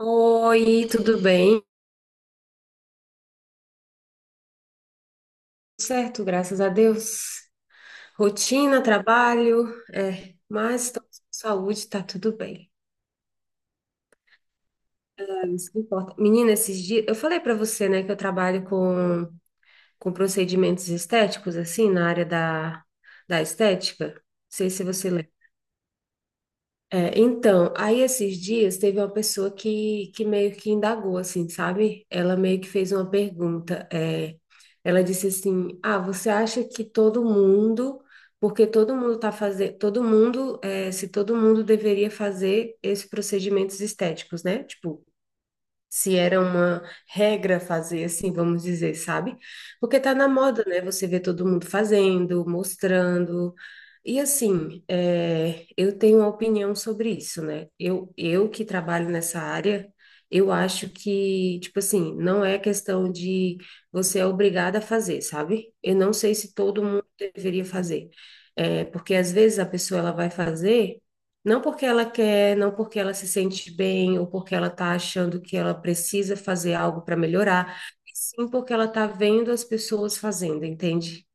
Oi, tudo bem? Certo, graças a Deus. Rotina, trabalho, mas estamos com saúde, tá tudo bem. É isso que importa. Menina, esses dias, eu falei pra você, né, que eu trabalho com procedimentos estéticos, assim, na área da estética. Não sei se você lembra. É, então, aí esses dias teve uma pessoa que meio que indagou, assim, sabe? Ela meio que fez uma pergunta. Ela disse assim: Ah, você acha que todo mundo, porque todo mundo tá fazendo, todo mundo, se todo mundo deveria fazer esses procedimentos estéticos, né? Tipo, se era uma regra fazer assim, vamos dizer, sabe? Porque tá na moda, né? Você vê todo mundo fazendo, mostrando. E assim, eu tenho uma opinião sobre isso, né? Eu que trabalho nessa área, eu acho que, tipo assim, não é questão de você é obrigada a fazer, sabe? Eu não sei se todo mundo deveria fazer. É, porque às vezes a pessoa ela vai fazer. Não porque ela quer, não porque ela se sente bem ou porque ela está achando que ela precisa fazer algo para melhorar, e sim porque ela está vendo as pessoas fazendo, entende?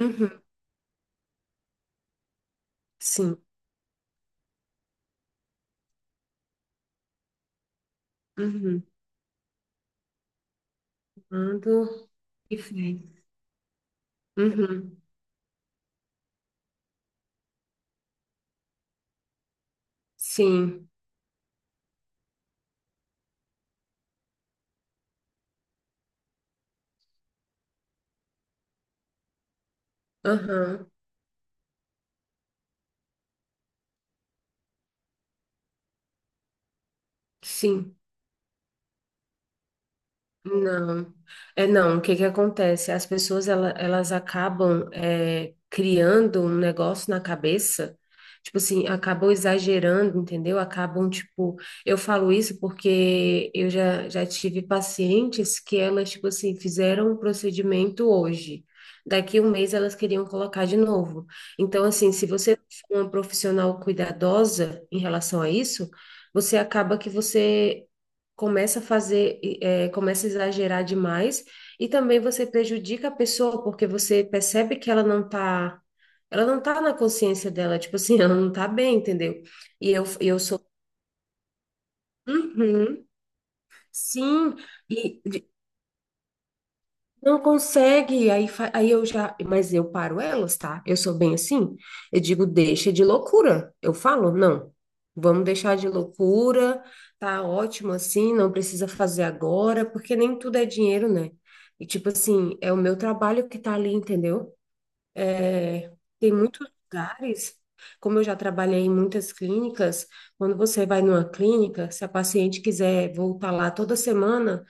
Uhum, sim. Uhum. Ando e fez. Uhum, sim. Aham, sim. Não, é não. O que que acontece? Elas acabam criando um negócio na cabeça, tipo assim, acabam exagerando, entendeu? Acabam tipo, eu falo isso porque eu já tive pacientes que elas tipo assim fizeram um procedimento hoje, daqui um mês elas queriam colocar de novo. Então assim, se você for uma profissional cuidadosa em relação a isso, você acaba que você começa a fazer, começa a exagerar demais, e também você prejudica a pessoa, porque você percebe que ela não tá na consciência dela, tipo assim, ela não tá bem, entendeu? E eu sou. Uhum, sim, e não consegue, aí, aí eu já, mas eu paro elas, tá? Eu sou bem assim. Eu digo, deixa de loucura. Eu falo, não, vamos deixar de loucura, tá ótimo assim, não precisa fazer agora, porque nem tudo é dinheiro, né? E tipo assim, é o meu trabalho que tá ali, entendeu? É, Tem muitos lugares, como eu já trabalhei em muitas clínicas, quando você vai numa clínica, se a paciente quiser voltar lá toda semana,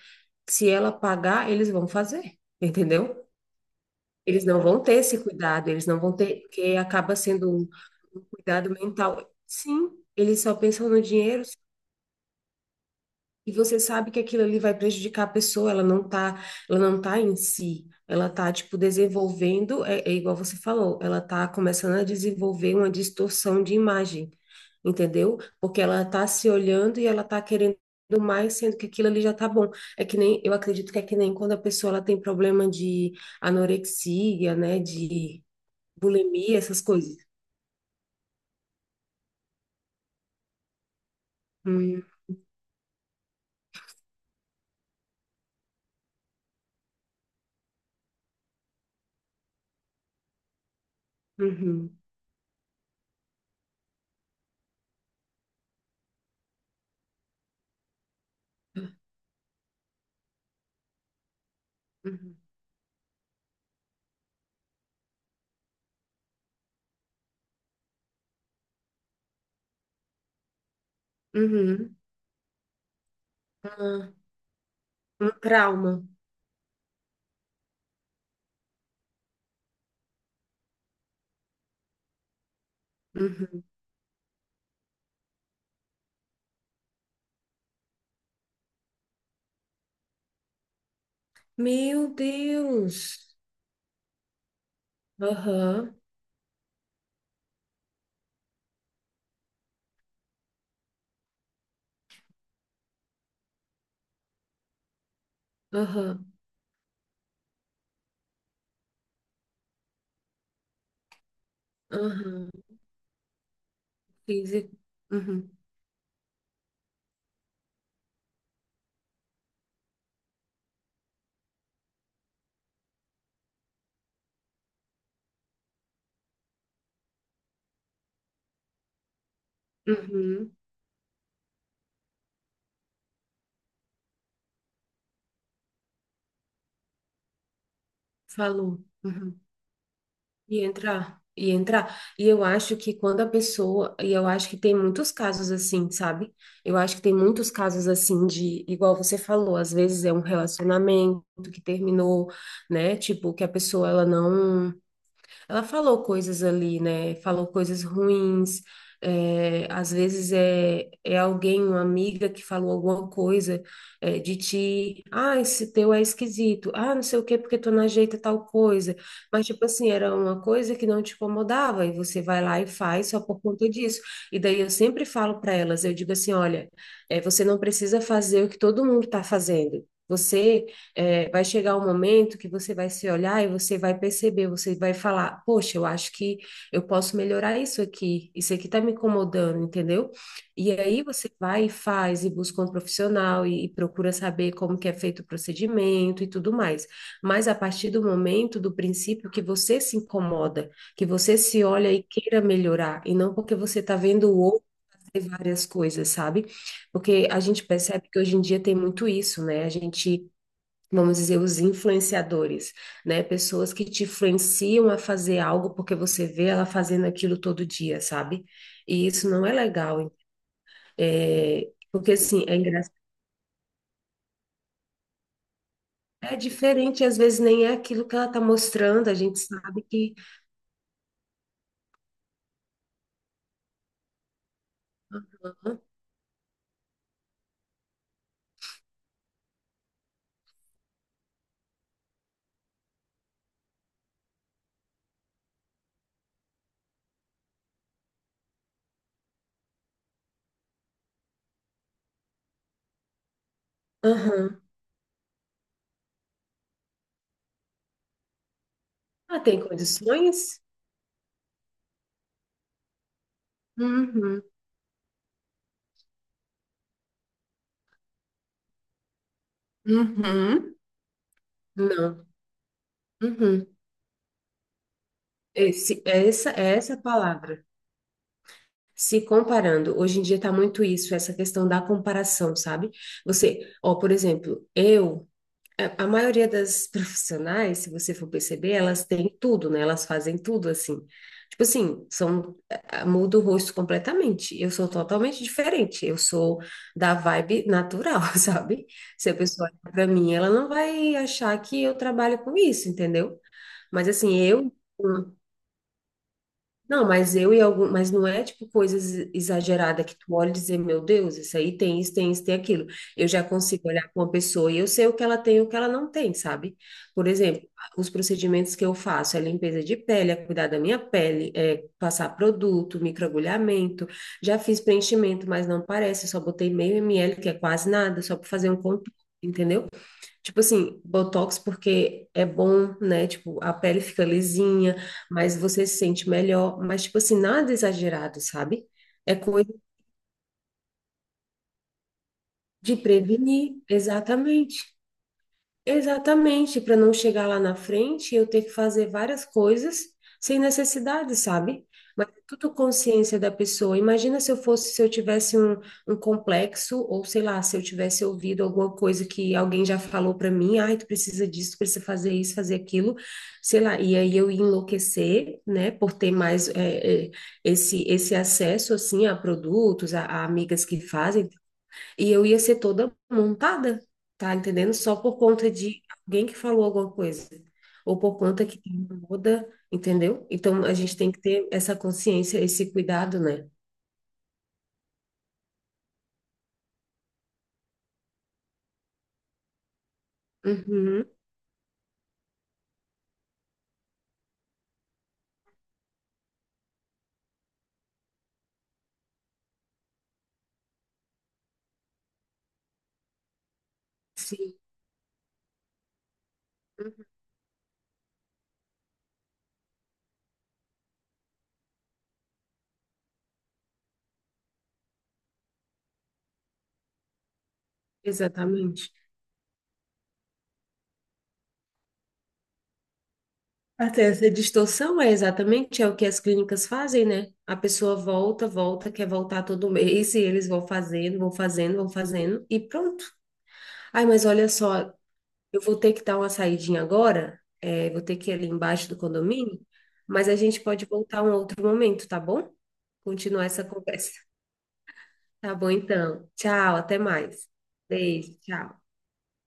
se ela pagar, eles vão fazer, entendeu? Eles não vão ter esse cuidado, eles não vão ter, porque acaba sendo um cuidado mental. Sim, eles só pensam no dinheiro. E você sabe que aquilo ali vai prejudicar a pessoa, ela não tá em si, ela tá, tipo, desenvolvendo, igual você falou, ela tá começando a desenvolver uma distorção de imagem, entendeu? Porque ela tá se olhando e ela tá querendo mais, sendo que aquilo ali já tá bom. É que nem, eu acredito que é que nem quando a pessoa, ela tem problema de anorexia, né, de bulimia, essas coisas. Hum, uhum, uhum, uhum. Ah, um trauma. Uhum. Meu Deus! Aham, aham, aham. Físico. Uhum, uhum. Falou. Uhum. E entrar, e entrar. E eu acho que quando a pessoa. E eu acho que tem muitos casos assim, sabe? Eu acho que tem muitos casos assim de. Igual você falou, às vezes é um relacionamento que terminou, né? Tipo, que a pessoa ela não. Ela falou coisas ali, né? Falou coisas ruins. É, às vezes é alguém, uma amiga que falou alguma coisa de ti. Ah, esse teu é esquisito. Ah, não sei o quê, porque tu não ajeita tal coisa. Mas, tipo assim, era uma coisa que não te incomodava e você vai lá e faz só por conta disso. E daí eu sempre falo para elas, eu digo assim, olha, você não precisa fazer o que todo mundo está fazendo. Você é, vai chegar um momento que você vai se olhar e você vai perceber, você vai falar, poxa, eu acho que eu posso melhorar isso aqui tá me incomodando, entendeu? E aí você vai e faz, e busca um profissional, e procura saber como que é feito o procedimento e tudo mais. Mas a partir do momento, do princípio que você se incomoda, que você se olha e queira melhorar, e não porque você tá vendo o outro fazer várias coisas, sabe? Porque a gente percebe que hoje em dia tem muito isso, né? A gente vamos dizer, os influenciadores, né? Pessoas que te influenciam a fazer algo porque você vê ela fazendo aquilo todo dia, sabe? E isso não é legal, hein? É, porque, assim, é engraçado. É diferente, às vezes nem é aquilo que ela tá mostrando, a gente sabe que. Aham. Ah, tem condições? Uhum. Uhum. Não. Uhum. Esse, essa é a palavra. Se comparando. Hoje em dia tá muito isso, essa questão da comparação, sabe? Por exemplo, a maioria das profissionais, se você for perceber, elas têm tudo, né? Elas fazem tudo assim. Tipo assim, muda o rosto completamente. Eu sou totalmente diferente. Eu sou da vibe natural, sabe? Se a pessoa olhar pra mim, ela não vai achar que eu trabalho com isso, entendeu? Mas assim, eu e algum, mas não é tipo coisas exageradas que tu olha e dizer, meu Deus, isso aí tem isso, tem isso, tem aquilo. Eu já consigo olhar para uma pessoa e eu sei o que ela tem e o que ela não tem, sabe? Por exemplo, os procedimentos que eu faço é limpeza de pele, é cuidar da minha pele, é passar produto, microagulhamento. Já fiz preenchimento, mas não parece, eu só botei meio ml, que é quase nada, só para fazer um contorno, entendeu? Tipo assim, Botox porque é bom, né? Tipo, a pele fica lisinha, mas você se sente melhor. Mas, tipo assim, nada exagerado, sabe? É coisa de prevenir, exatamente. Exatamente, para não chegar lá na frente, eu ter que fazer várias coisas sem necessidade, sabe? Mas é tudo consciência da pessoa. Imagina se eu fosse, se eu tivesse um, um complexo, ou sei lá, se eu tivesse ouvido alguma coisa que alguém já falou para mim, ai, tu precisa disso, tu precisa fazer isso, fazer aquilo, sei lá, e aí eu ia enlouquecer, né, por ter mais esse acesso, assim, a produtos, a amigas que fazem, e eu ia ser toda montada, tá entendendo? Só por conta de alguém que falou alguma coisa. Ou por conta que tem uma moda, entendeu? Então a gente tem que ter essa consciência, esse cuidado, né? Uhum, sim, uhum, exatamente. Até essa distorção é exatamente é o que as clínicas fazem, né? A pessoa volta, volta, quer voltar todo mês, e eles vão fazendo, vão fazendo, vão fazendo, e pronto. Ai, mas olha só, eu vou ter que dar uma saidinha agora, vou ter que ir ali embaixo do condomínio, mas a gente pode voltar um outro momento, tá bom? Continuar essa conversa. Tá bom, então. Tchau, até mais. Beijo, tchau.